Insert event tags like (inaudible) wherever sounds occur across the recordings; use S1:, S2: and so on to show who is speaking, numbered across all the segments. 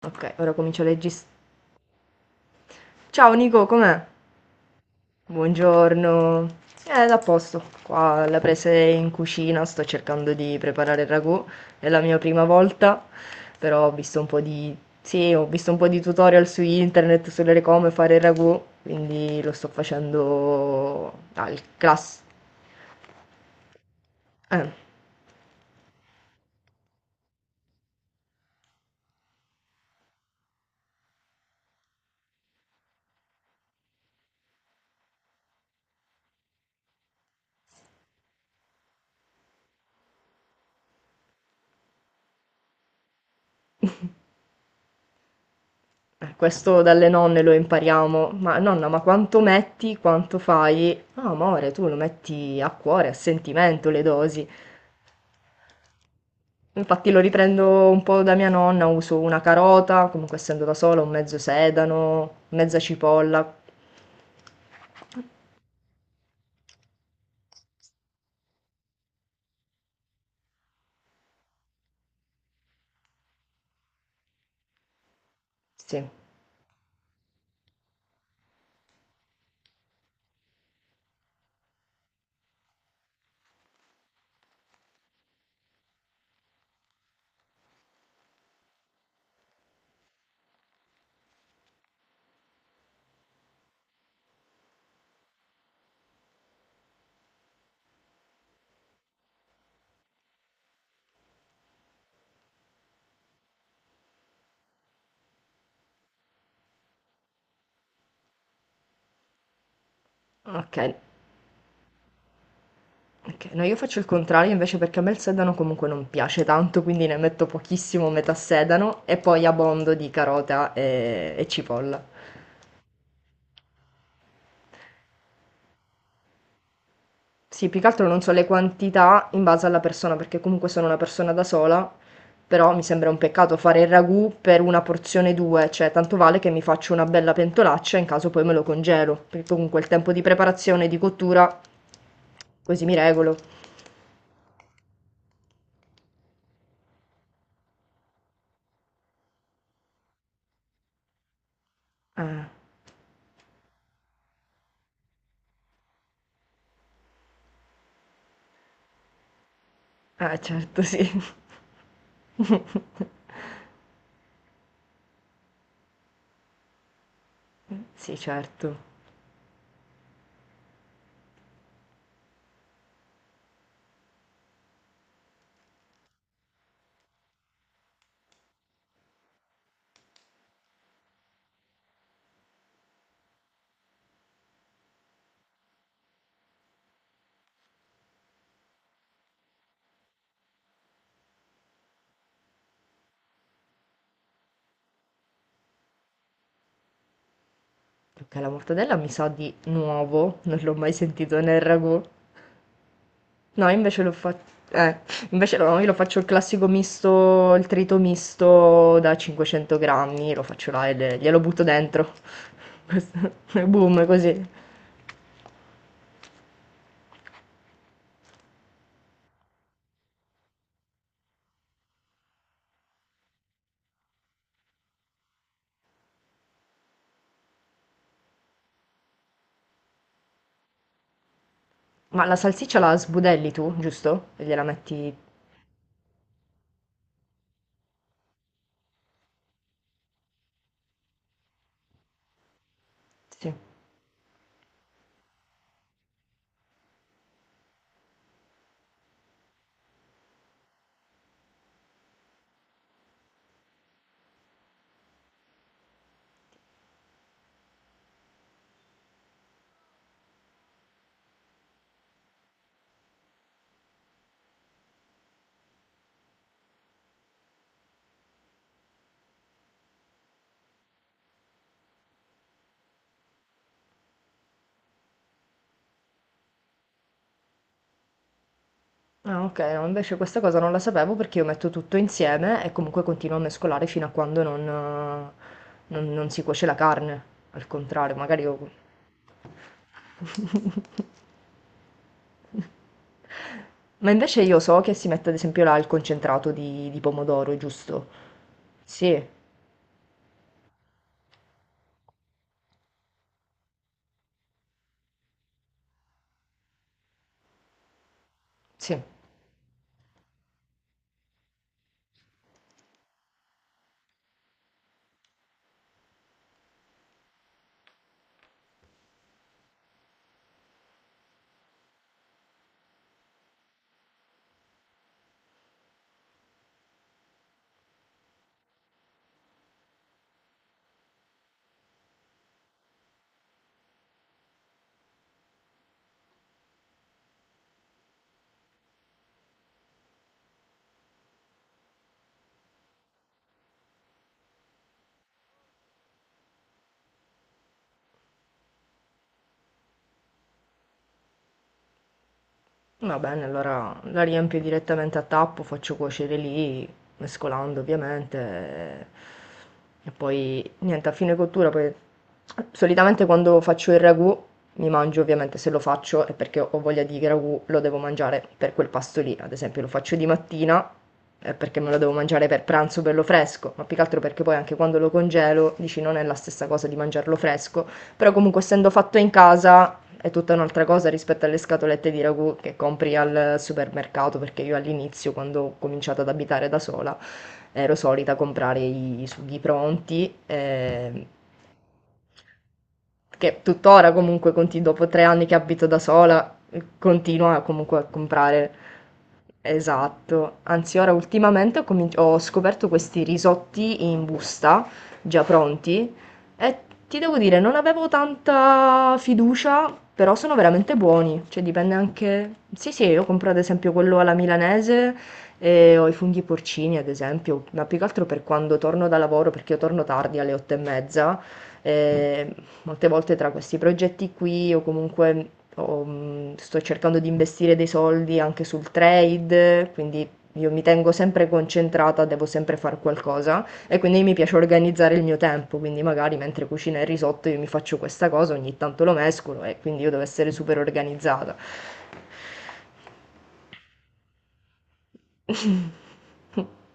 S1: Ok, ora comincio a leggere. Ciao Nico, com'è? Buongiorno. A posto. Qua la presa in cucina, sto cercando di preparare il ragù. È la mia prima volta, però ho visto un po' di... Sì, ho visto un po' di tutorial su internet sulle come fare il ragù, quindi lo sto facendo al class... Eh, questo dalle nonne lo impariamo. Ma nonna, ma quanto metti, quanto fai? No, amore, tu lo metti a cuore, a sentimento le dosi. Infatti lo riprendo un po' da mia nonna, uso una carota, comunque essendo da sola, un mezzo sedano, mezza cipolla. Sì, ok. Ok, no, io faccio il contrario invece perché a me il sedano comunque non piace tanto, quindi ne metto pochissimo, metà sedano, e poi abbondo di carota e cipolla. Sì, più che altro non so le quantità in base alla persona, perché comunque sono una persona da sola, però mi sembra un peccato fare il ragù per una porzione due, cioè tanto vale che mi faccio una bella pentolaccia in caso poi me lo congelo, perché comunque il tempo di preparazione e di cottura così mi regolo. Ah, ah, certo, sì. (laughs) Sì, certo. Perché la mortadella mi sa di nuovo, non l'ho mai sentito nel ragù. No, io invece lo fa eh, invece no, io lo faccio il classico misto il trito misto da 500 grammi, lo faccio là e le glielo butto dentro. (laughs) Questo (laughs) e boom, così. Ma la salsiccia la sbudelli tu, giusto? E gliela metti sì. Ah, okay, no, invece questa cosa non la sapevo perché io metto tutto insieme e comunque continuo a mescolare fino a quando non non si cuoce la carne. Al contrario, magari io (laughs) ma invece io so che si mette ad esempio là il concentrato di pomodoro, giusto? Sì, sì. Va bene, allora la riempio direttamente a tappo, faccio cuocere lì, mescolando ovviamente. E poi niente, a fine cottura, poi solitamente quando faccio il ragù mi mangio ovviamente se lo faccio è perché ho voglia di ragù, lo devo mangiare per quel pasto lì. Ad esempio lo faccio di mattina è perché me lo devo mangiare per pranzo bello fresco, ma più che altro perché poi anche quando lo congelo, dici non è la stessa cosa di mangiarlo fresco, però comunque essendo fatto in casa è tutta un'altra cosa rispetto alle scatolette di ragù che compri al supermercato, perché io all'inizio, quando ho cominciato ad abitare da sola, ero solita comprare i sughi pronti, che tuttora comunque dopo 3 anni che abito da sola, continuo comunque a comprare. Esatto, anzi ora ultimamente ho scoperto questi risotti in busta già pronti e ti devo dire, non avevo tanta fiducia, però sono veramente buoni, cioè dipende anche... Sì, sì, io compro ad esempio quello alla milanese e ho i funghi porcini ad esempio, ma più che altro per quando torno da lavoro, perché io torno tardi alle 8:30, e molte volte tra questi progetti qui o comunque sto cercando di investire dei soldi anche sul trade, quindi io mi tengo sempre concentrata, devo sempre fare qualcosa. E quindi mi piace organizzare il mio tempo, quindi magari mentre cucina il risotto io mi faccio questa cosa, ogni tanto lo mescolo e quindi io devo essere super organizzata. (laughs)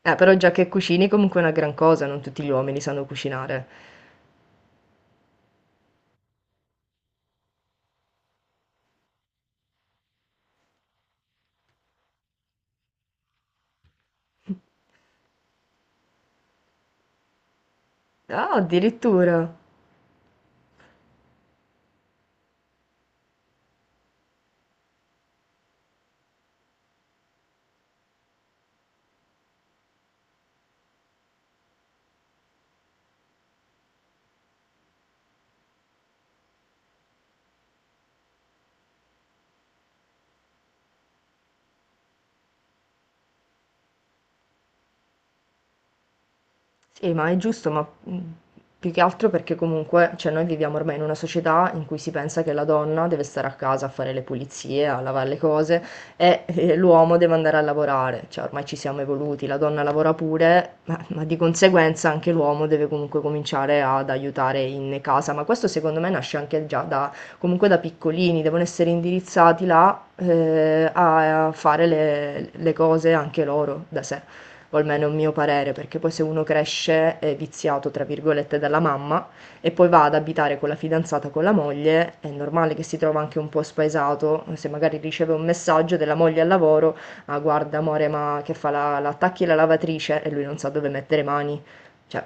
S1: Però già che cucini comunque è una gran cosa, non tutti gli uomini sanno cucinare. Ah, addirittura. Sì, ma è giusto, ma più che altro perché comunque, cioè noi viviamo ormai in una società in cui si pensa che la donna deve stare a casa a fare le pulizie, a lavare le cose e l'uomo deve andare a lavorare, cioè ormai ci siamo evoluti, la donna lavora pure, ma di conseguenza anche l'uomo deve comunque cominciare ad aiutare in casa, ma questo secondo me nasce anche già da, comunque da piccolini, devono essere indirizzati là a fare le cose anche loro da sé o almeno è un mio parere, perché poi se uno cresce è viziato, tra virgolette, dalla mamma e poi va ad abitare con la fidanzata, con la moglie, è normale che si trova anche un po' spaesato, se magari riceve un messaggio della moglie al lavoro, ah guarda amore, ma che fa la attacchi la lavatrice e lui non sa dove mettere mani. Cioè,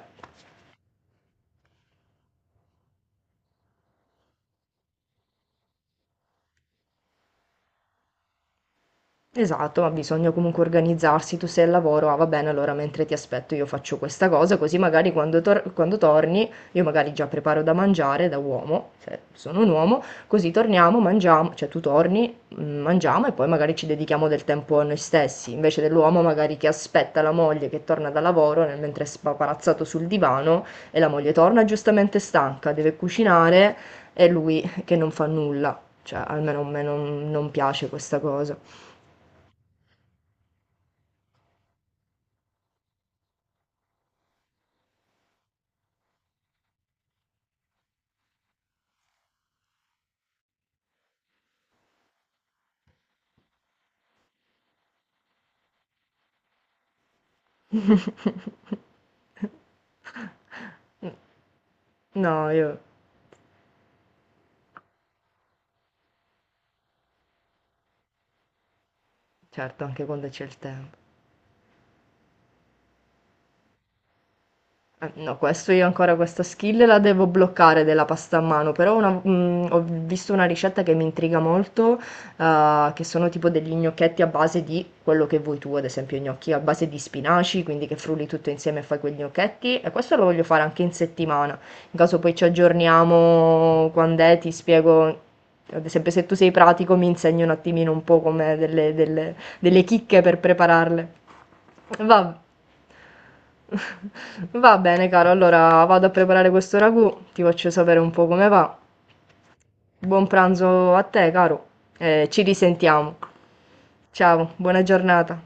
S1: esatto, ma bisogna comunque organizzarsi. Tu sei al lavoro: "Ah, va bene, allora mentre ti aspetto io faccio questa cosa", così magari quando tor quando torni io magari già preparo da mangiare da uomo, se sono un uomo, così torniamo, mangiamo cioè tu torni, mangiamo e poi magari ci dedichiamo del tempo a noi stessi, invece dell'uomo magari che aspetta la moglie che torna dal lavoro nel mentre è spaparazzato sul divano e la moglie torna giustamente stanca, deve cucinare e lui che non fa nulla. Cioè, almeno a me non piace questa cosa. (laughs) No, io certo, anche quando c'è il tempo. No, questo io ancora questa skill la devo bloccare della pasta a mano, però una- mm, ho visto una ricetta che mi intriga molto, che sono tipo degli gnocchetti a base di quello che vuoi tu, ad esempio gnocchi a base di spinaci, quindi che frulli tutto insieme e fai quegli gnocchetti, e questo lo voglio fare anche in settimana, in caso poi ci aggiorniamo quando è, ti spiego, ad esempio se tu sei pratico mi insegni un attimino un po' come delle chicche per prepararle. Va (laughs) Va bene, caro, allora vado a preparare questo ragù, ti faccio sapere un po' come va. Buon pranzo a te, caro, e ci risentiamo. Ciao, buona giornata.